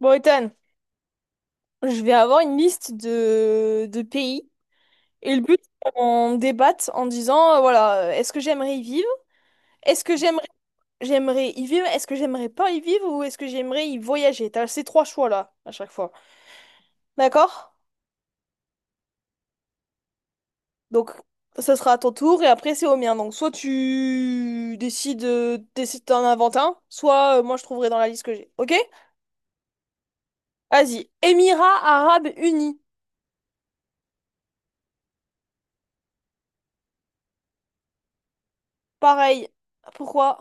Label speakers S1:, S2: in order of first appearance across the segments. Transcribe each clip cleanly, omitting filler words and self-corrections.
S1: Bon, Ethan, je vais avoir une liste de pays et le but, c'est qu'on débatte en disant, voilà, est-ce que j'aimerais y vivre? Est-ce que j'aimerais y vivre? Est-ce que j'aimerais pas y vivre ou est-ce que j'aimerais y voyager? T'as ces trois choix-là à chaque fois. D'accord? Donc, ça sera à ton tour et après, c'est au mien. Donc, soit tu décides, décides d'en inventer un, soit moi, je trouverai dans la liste que j'ai. Ok? Vas-y. Émirats Arabes Unis. Pareil. Pourquoi?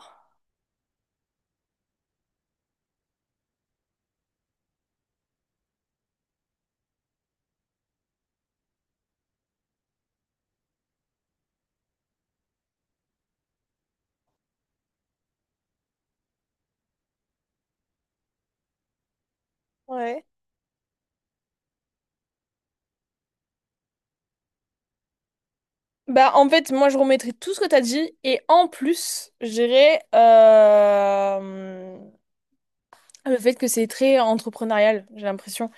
S1: Ouais. Bah, en fait, moi, je remettrai tout ce que t'as dit. Et en plus, je dirais le fait que c'est très entrepreneurial, j'ai l'impression.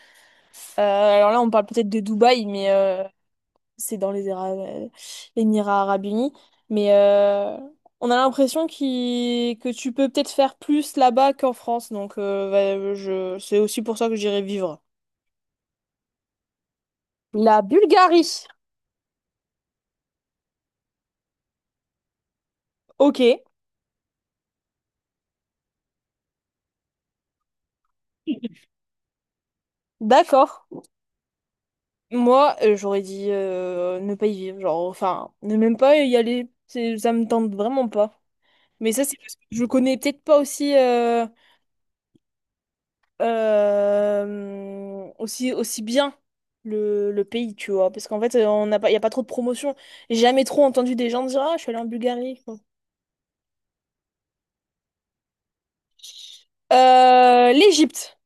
S1: Alors là, on parle peut-être de Dubaï, mais c'est dans les Émirats Arabes Unis. Mais on a l'impression que tu peux peut-être faire plus là-bas qu'en France. Donc, bah, je... c'est aussi pour ça que j'irai vivre. La Bulgarie. Ok, d'accord. Moi, j'aurais dit ne pas y vivre, genre, enfin, ne même pas y aller, ça me tente vraiment pas. Mais ça, c'est parce que je connais peut-être pas aussi, aussi bien le pays, tu vois, parce qu'en fait, on n'a pas, y a pas trop de promotion. J'ai jamais trop entendu des gens dire, ah, je suis allée en Bulgarie, quoi. L'Égypte,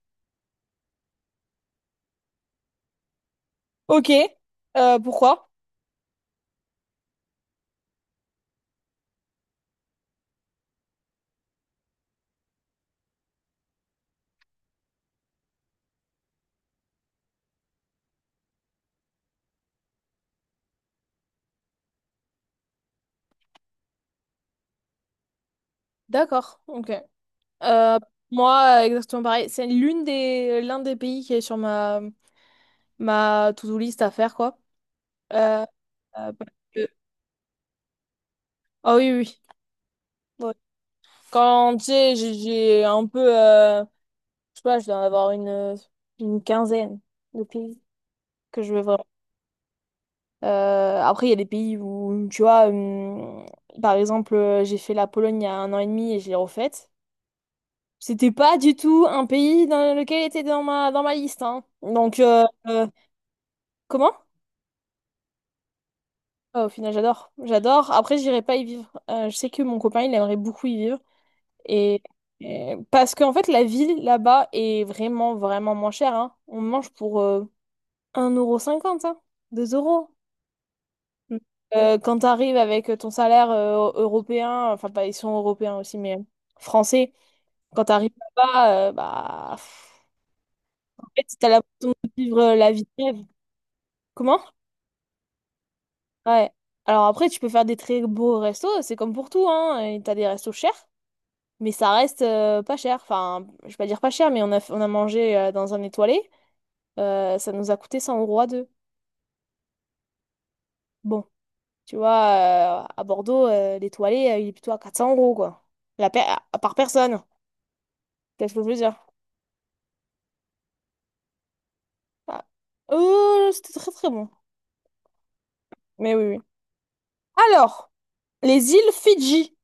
S1: ok. Pourquoi? D'accord, ok. Euh, moi, exactement pareil. C'est l'un des pays qui est sur ma to-do list à faire, quoi. Euh, euh, parce que- Ah oui, oui. Ouais. Quand, tu sais, j'ai un peu... je sais pas, je dois en avoir une quinzaine de pays que je veux vraiment. Après, il y a des pays où, tu vois, par exemple, j'ai fait la Pologne il y a un an et demi et je l'ai refaite. C'était pas du tout un pays dans lequel il était dans dans ma liste, hein. Donc, comment? Ah, au final, j'adore. J'adore. Après, j'irai pas y vivre. Je sais que mon copain, il aimerait beaucoup y vivre. Et, Parce qu'en fait, la vie là-bas est vraiment, vraiment moins chère, hein. On mange pour 1,50€, hein, 2 euros. Mm. Quand tu arrives avec ton salaire européen, enfin, pas, ils sont européens aussi, mais français, quand tu arrives là-bas, bah, pff, en fait, t'as l'impression de vivre la vie de rêve. Comment? Ouais. Alors après, tu peux faire des très beaux restos, c'est comme pour tout, hein. Et t'as des restos chers, mais ça reste pas cher. Enfin, je vais pas dire pas cher, mais on a mangé dans un étoilé. Ça nous a coûté 100 euros à deux. Bon, tu vois, à Bordeaux, l'étoilé, il est plutôt à 400 euros, quoi. Par personne. Qu'est-ce que je veux dire? Ah. C'était très très bon. Mais oui, oui. Alors, les îles Fidji.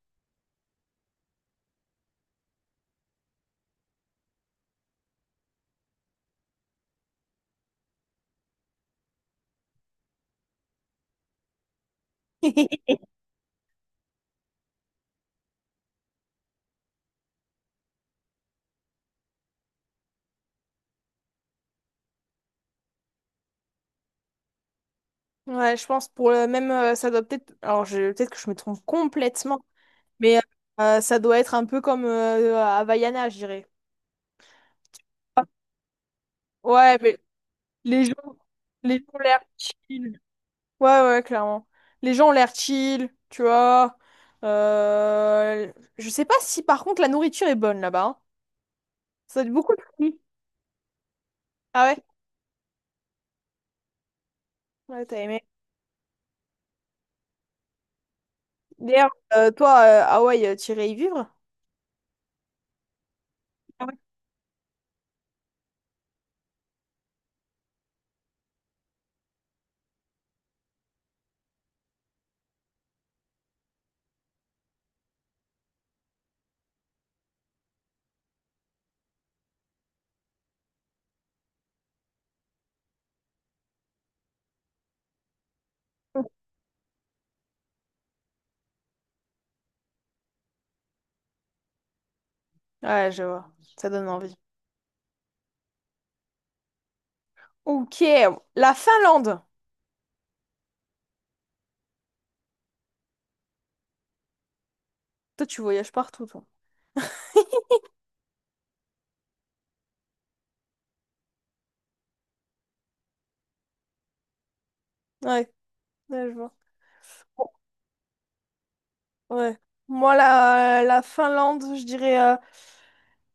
S1: Ouais, je pense pour le même, ça doit peut-être. Alors, je... peut-être que je me trompe complètement, mais ça doit être un peu comme Havaiana, je dirais. Ouais, mais les gens, les gens ont l'air chill. Ouais, ouais, clairement. Les gens ont l'air chill, tu vois. Euh, Je sais pas si par contre la nourriture est bonne là-bas, hein. Ça doit être beaucoup de fruits. Ah ouais? Ouais, t'as aimé. D'ailleurs, toi, Hawaï, t'irais y vivre? Ouais, je vois. Ça donne envie. Ok, la Finlande. Toi, tu voyages partout, toi. Ouais, ouais, je vois. Ouais. Moi, la Finlande, je dirais. Euh,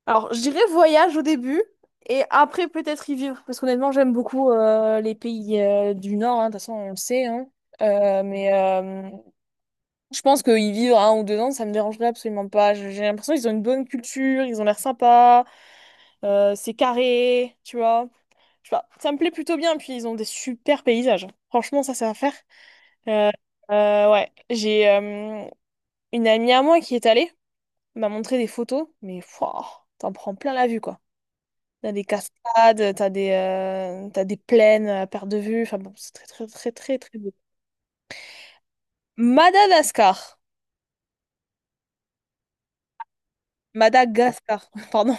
S1: alors, je dirais voyage au début et après peut-être y vivre parce qu'honnêtement, j'aime beaucoup les pays du Nord, hein. De toute façon, on le sait, hein. Euh, mais euh, je pense que y vivre un ou deux ans, ça me dérangerait absolument pas. J'ai l'impression qu'ils ont une bonne culture, ils ont l'air sympas, c'est carré, tu vois. Je sais pas, ça me plaît plutôt bien, puis ils ont des super paysages. Franchement, ça, c'est à faire. Euh, ouais, j'ai une amie à moi qui est allée, m'a montré des photos, mais fouah, t'en prends plein la vue, quoi. T'as des cascades, t'as des plaines à perte de vue. Enfin bon, c'est très très très très très beau. Madagascar. Madagascar, pardon.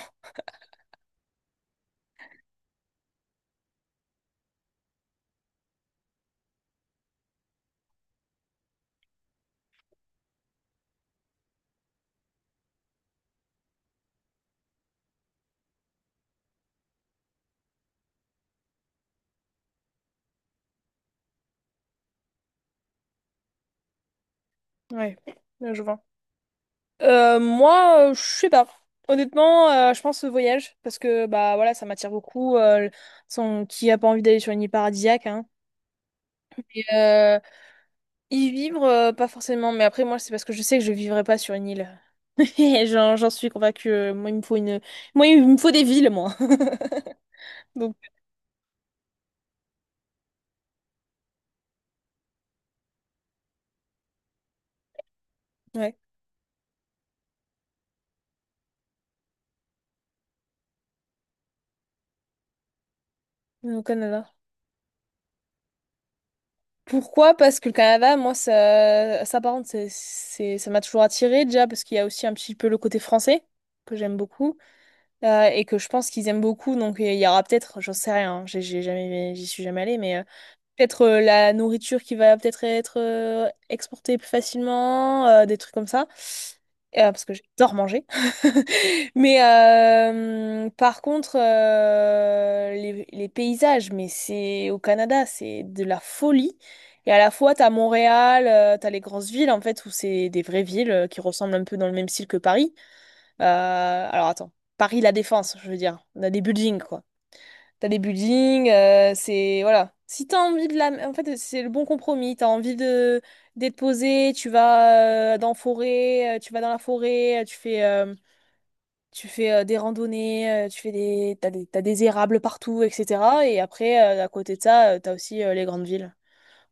S1: Ouais, là, je vois. Moi, je sais pas. Honnêtement, je pense au voyage parce que bah voilà, ça m'attire beaucoup. Qui a pas envie d'aller sur une île paradisiaque, hein. Et, y vivre, pas forcément. Mais après, moi, c'est parce que je sais que je vivrai pas sur une île. J'en suis convaincue. Euh, moi, il me faut une. Moi, il me faut des villes, moi. Donc, ouais. Au Canada. Pourquoi? Parce que le Canada, moi, ça par contre, ça m'a toujours attiré déjà, parce qu'il y a aussi un petit peu le côté français, que j'aime beaucoup, et que je pense qu'ils aiment beaucoup, donc il y aura peut-être, j'en sais rien, hein, j'y suis jamais allée, mais peut-être la nourriture qui va peut-être être exportée plus facilement, des trucs comme ça. Parce que j'adore manger. Mais par contre, les paysages, mais c'est au Canada, c'est de la folie. Et à la fois, t'as Montréal, t'as les grosses villes, en fait, où c'est des vraies villes qui ressemblent un peu dans le même style que Paris. Alors attends, Paris, La Défense, je veux dire. On a des buildings, quoi. T'as des buildings, c'est... Voilà. Si t'as envie de la... En fait, c'est le bon compromis. T'as envie de d'être posé, tu vas dans forêt, tu vas dans la forêt, tu fais des randonnées, tu fais des... t'as des érables partout, etc. Et après, à côté de ça, t'as aussi les grandes villes.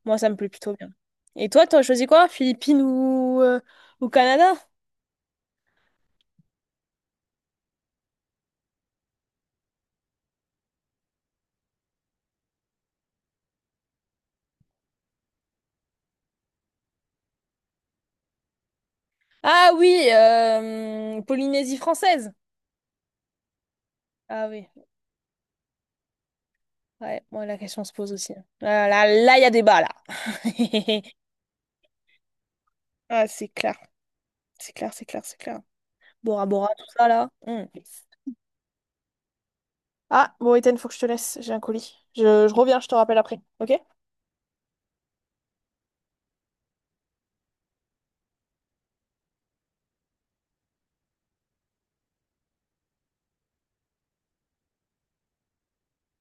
S1: Moi, ça me plaît plutôt bien. Et toi, t'as choisi quoi? Philippines ou, Canada? Ah oui, Polynésie française. Ah oui, ouais, moi la question se pose aussi. Là, il y a débat, là. Ah, c'est clair, c'est clair, c'est clair, c'est clair. Bora Bora, tout ça là. Hmm. Ah, bon, Ethan, faut que je te laisse, j'ai un colis. Je reviens, je te rappelle après, ok?